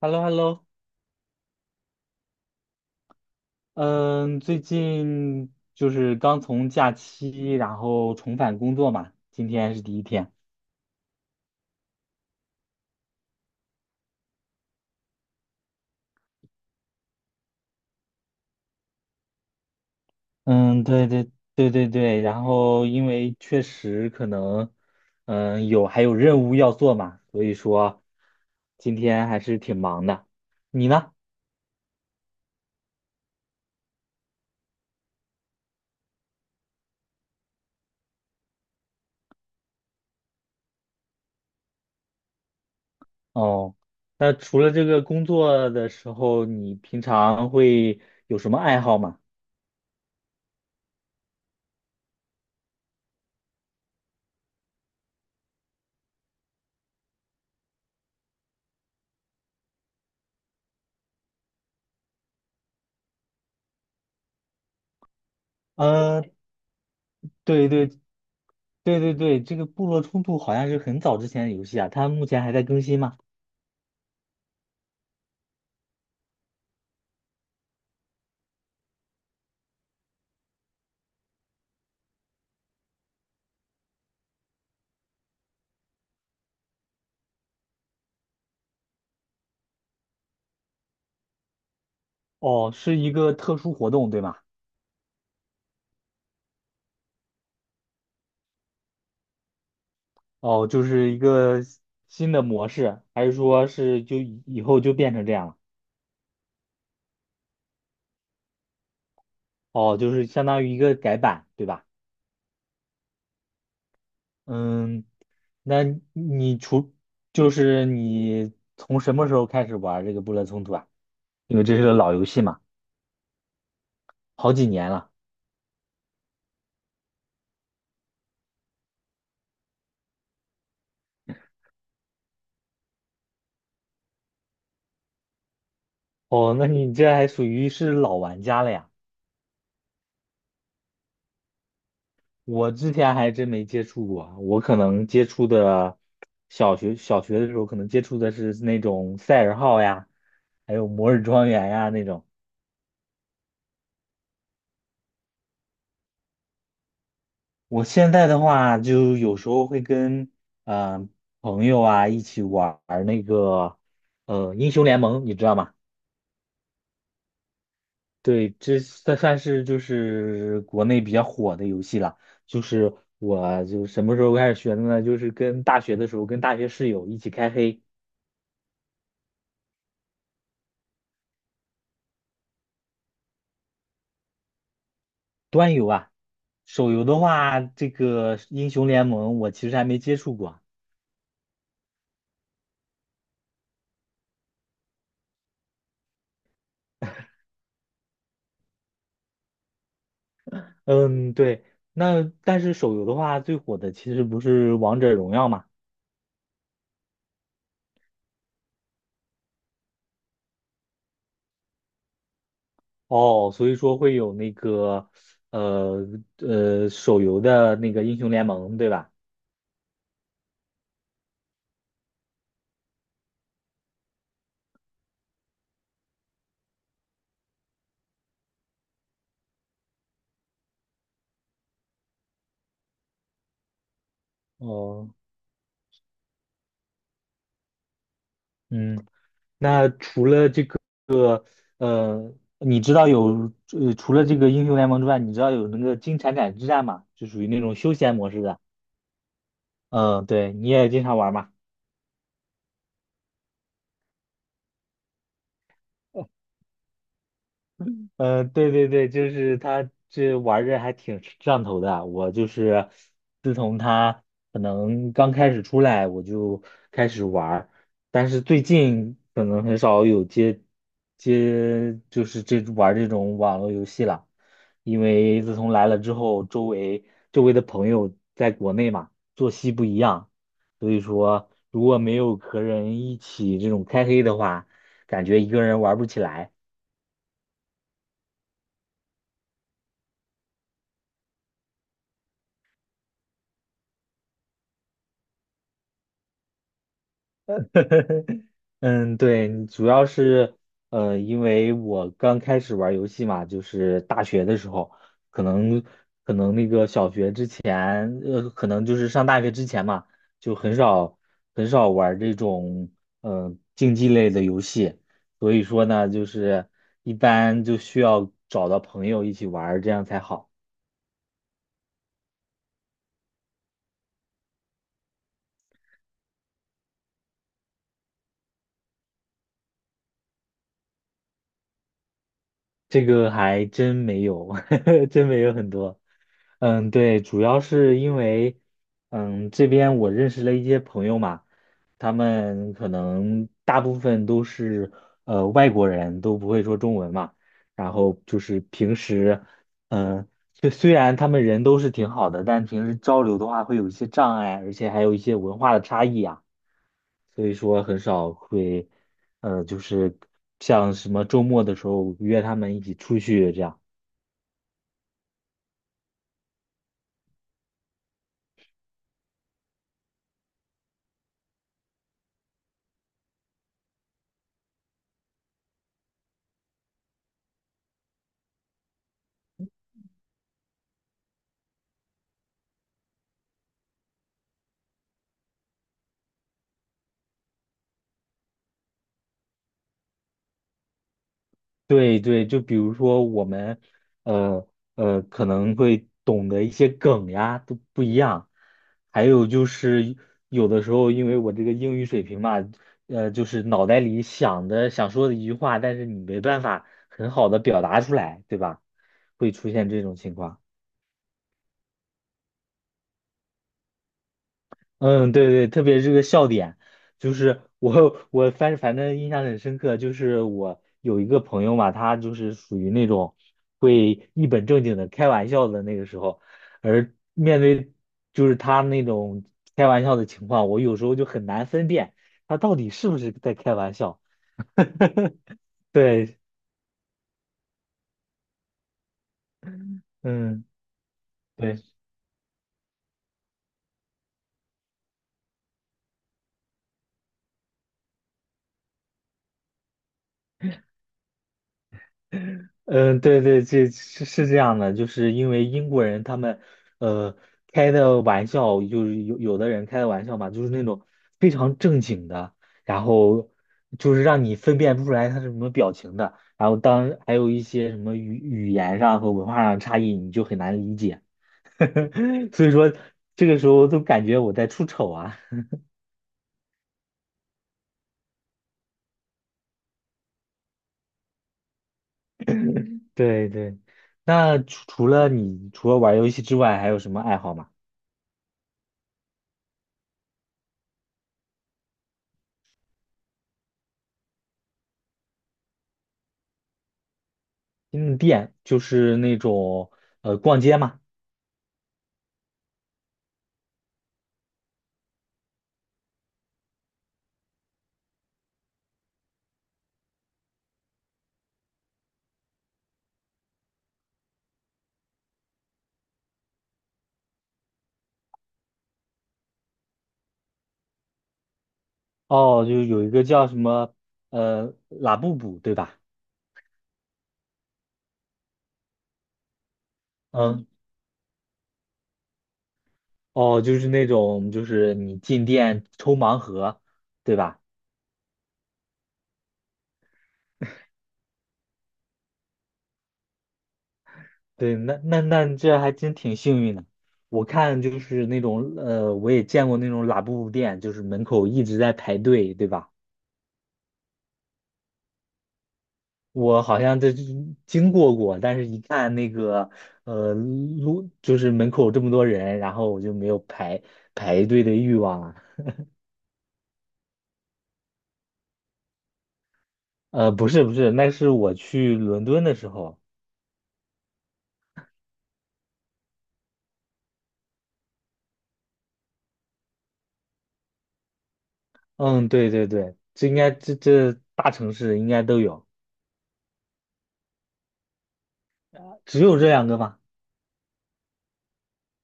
Hello,Hello,嗯，最近就是刚从假期，然后重返工作嘛，今天是第一天。嗯，对对对对对，然后因为确实可能，有还有任务要做嘛，所以说今天还是挺忙的。你呢？哦，那除了这个工作的时候，你平常会有什么爱好吗？嗯，对对对对对，这个部落冲突好像是很早之前的游戏啊，它目前还在更新吗？哦，是一个特殊活动，对吗？哦，就是一个新的模式，还是说是以后就变成这样了？哦，就是相当于一个改版，对吧？嗯，那你除就是你从什么时候开始玩这个部落冲突啊？因为这是个老游戏嘛，好几年了。哦，那你这还属于是老玩家了呀？我之前还真没接触过啊，我可能接触的小学的时候，可能接触的是那种赛尔号呀，还有摩尔庄园呀那种。我现在的话，就有时候会跟嗯、呃朋友啊一起玩儿那个英雄联盟，你知道吗？对，这算是就是国内比较火的游戏了。就是我就什么时候开始学的呢？就是跟大学的时候，跟大学室友一起开黑。端游啊，手游的话，这个英雄联盟我其实还没接触过。嗯，对，那但是手游的话，最火的其实不是王者荣耀嘛？哦，所以说会有那个呃手游的那个英雄联盟，对吧？哦，嗯，那除呃，你知道有除了这个英雄联盟之外，你知道有那个金铲铲之战吗？就属于那种休闲模式的。嗯，对，你也经常玩嘛？嗯，对对对，就是他这玩着还挺上头的啊。我就是自从他可能刚开始出来，我就开始玩儿，但是最近可能很少有就是这玩儿这种网络游戏了，因为自从来了之后，周围的朋友在国内嘛，作息不一样，所以说如果没有和人一起这种开黑的话，感觉一个人玩不起来。嗯，对，主要是因为我刚开始玩游戏嘛，就是大学的时候，可能可能小学之前，可能就是上大学之前嘛，就很少玩这种竞技类的游戏，所以说呢，就是一般就需要找到朋友一起玩儿这样才好。这个还真没有，真没有很多。嗯，对，主要是因为，这边我认识了一些朋友嘛，他们可能大部分都是外国人，都不会说中文嘛，然后就是平时，嗯，虽然他们人都是挺好的，但平时交流的话会有一些障碍，而且还有一些文化的差异啊。所以说很少会，就是像什么周末的时候约他们一起出去这样。对对，就比如说我们，呃可能会懂得一些梗呀，都不一样。还有就是有的时候，因为我这个英语水平嘛，就是脑袋里想的想说的一句话，但是你没办法很好的表达出来，对吧？会出现这种情况。嗯，对对，特别这个笑点，就是我反正印象很深刻，就是我有一个朋友嘛，他就是属于那种会一本正经的开玩笑的那个时候，而面对就是他那种开玩笑的情况，我有时候就很难分辨他到底是不是在开玩笑。对，嗯，对。嗯，对对，这这样的，就是因为英国人他们，呃，开的玩笑就是有有的人开的玩笑嘛，就是那种非常正经的，然后就是让你分辨不出来他是什么表情的，然后当还有一些什么语言上和文化上的差异，你就很难理解，所以说这个时候都感觉我在出丑啊。对对，那除了你除了玩游戏之外，还有什么爱好吗？新的店就是那种逛街嘛，哦，就有一个叫什么拉布布对吧？嗯，哦，就是那种就是你进店抽盲盒对吧？对，那这还真挺幸运的。我看就是那种我也见过那种拉布布店，就是门口一直在排队对吧？我好像这经过过，但是一看那个路，就是门口这么多人，然后我就没有排队的欲望了。不是不是，那是我去伦敦的时候。嗯，对对对，这应该这大城市应该都有，只有这两个吧？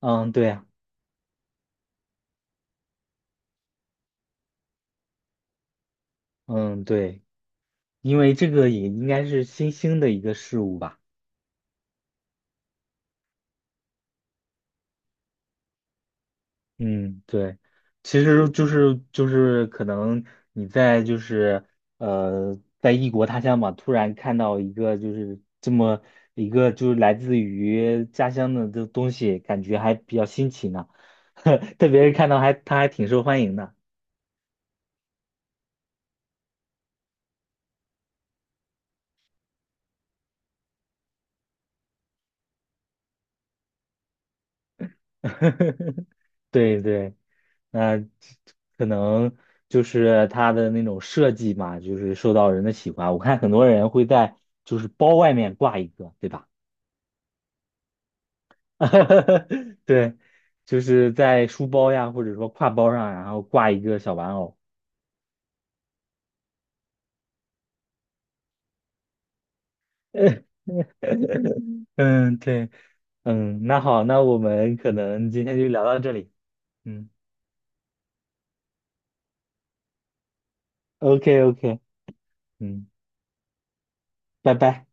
嗯，对呀，嗯对，因为这个也应该是新兴的一个事物吧。嗯，对，其实就是可能你在就是在异国他乡嘛，突然看到一个就是这么一个就是来自于家乡的这东西，感觉还比较新奇呢，特别是看到还他还挺受欢迎的。对对，那可能就是它的那种设计嘛，就是受到人的喜欢。我看很多人会在就是包外面挂一个，对吧？哈哈哈，对，就是在书包呀，或者说挎包上，然后挂一个小玩偶。嗯，对，嗯，那好，那我们可能今天就聊到这里。嗯，OK OK,嗯，拜拜。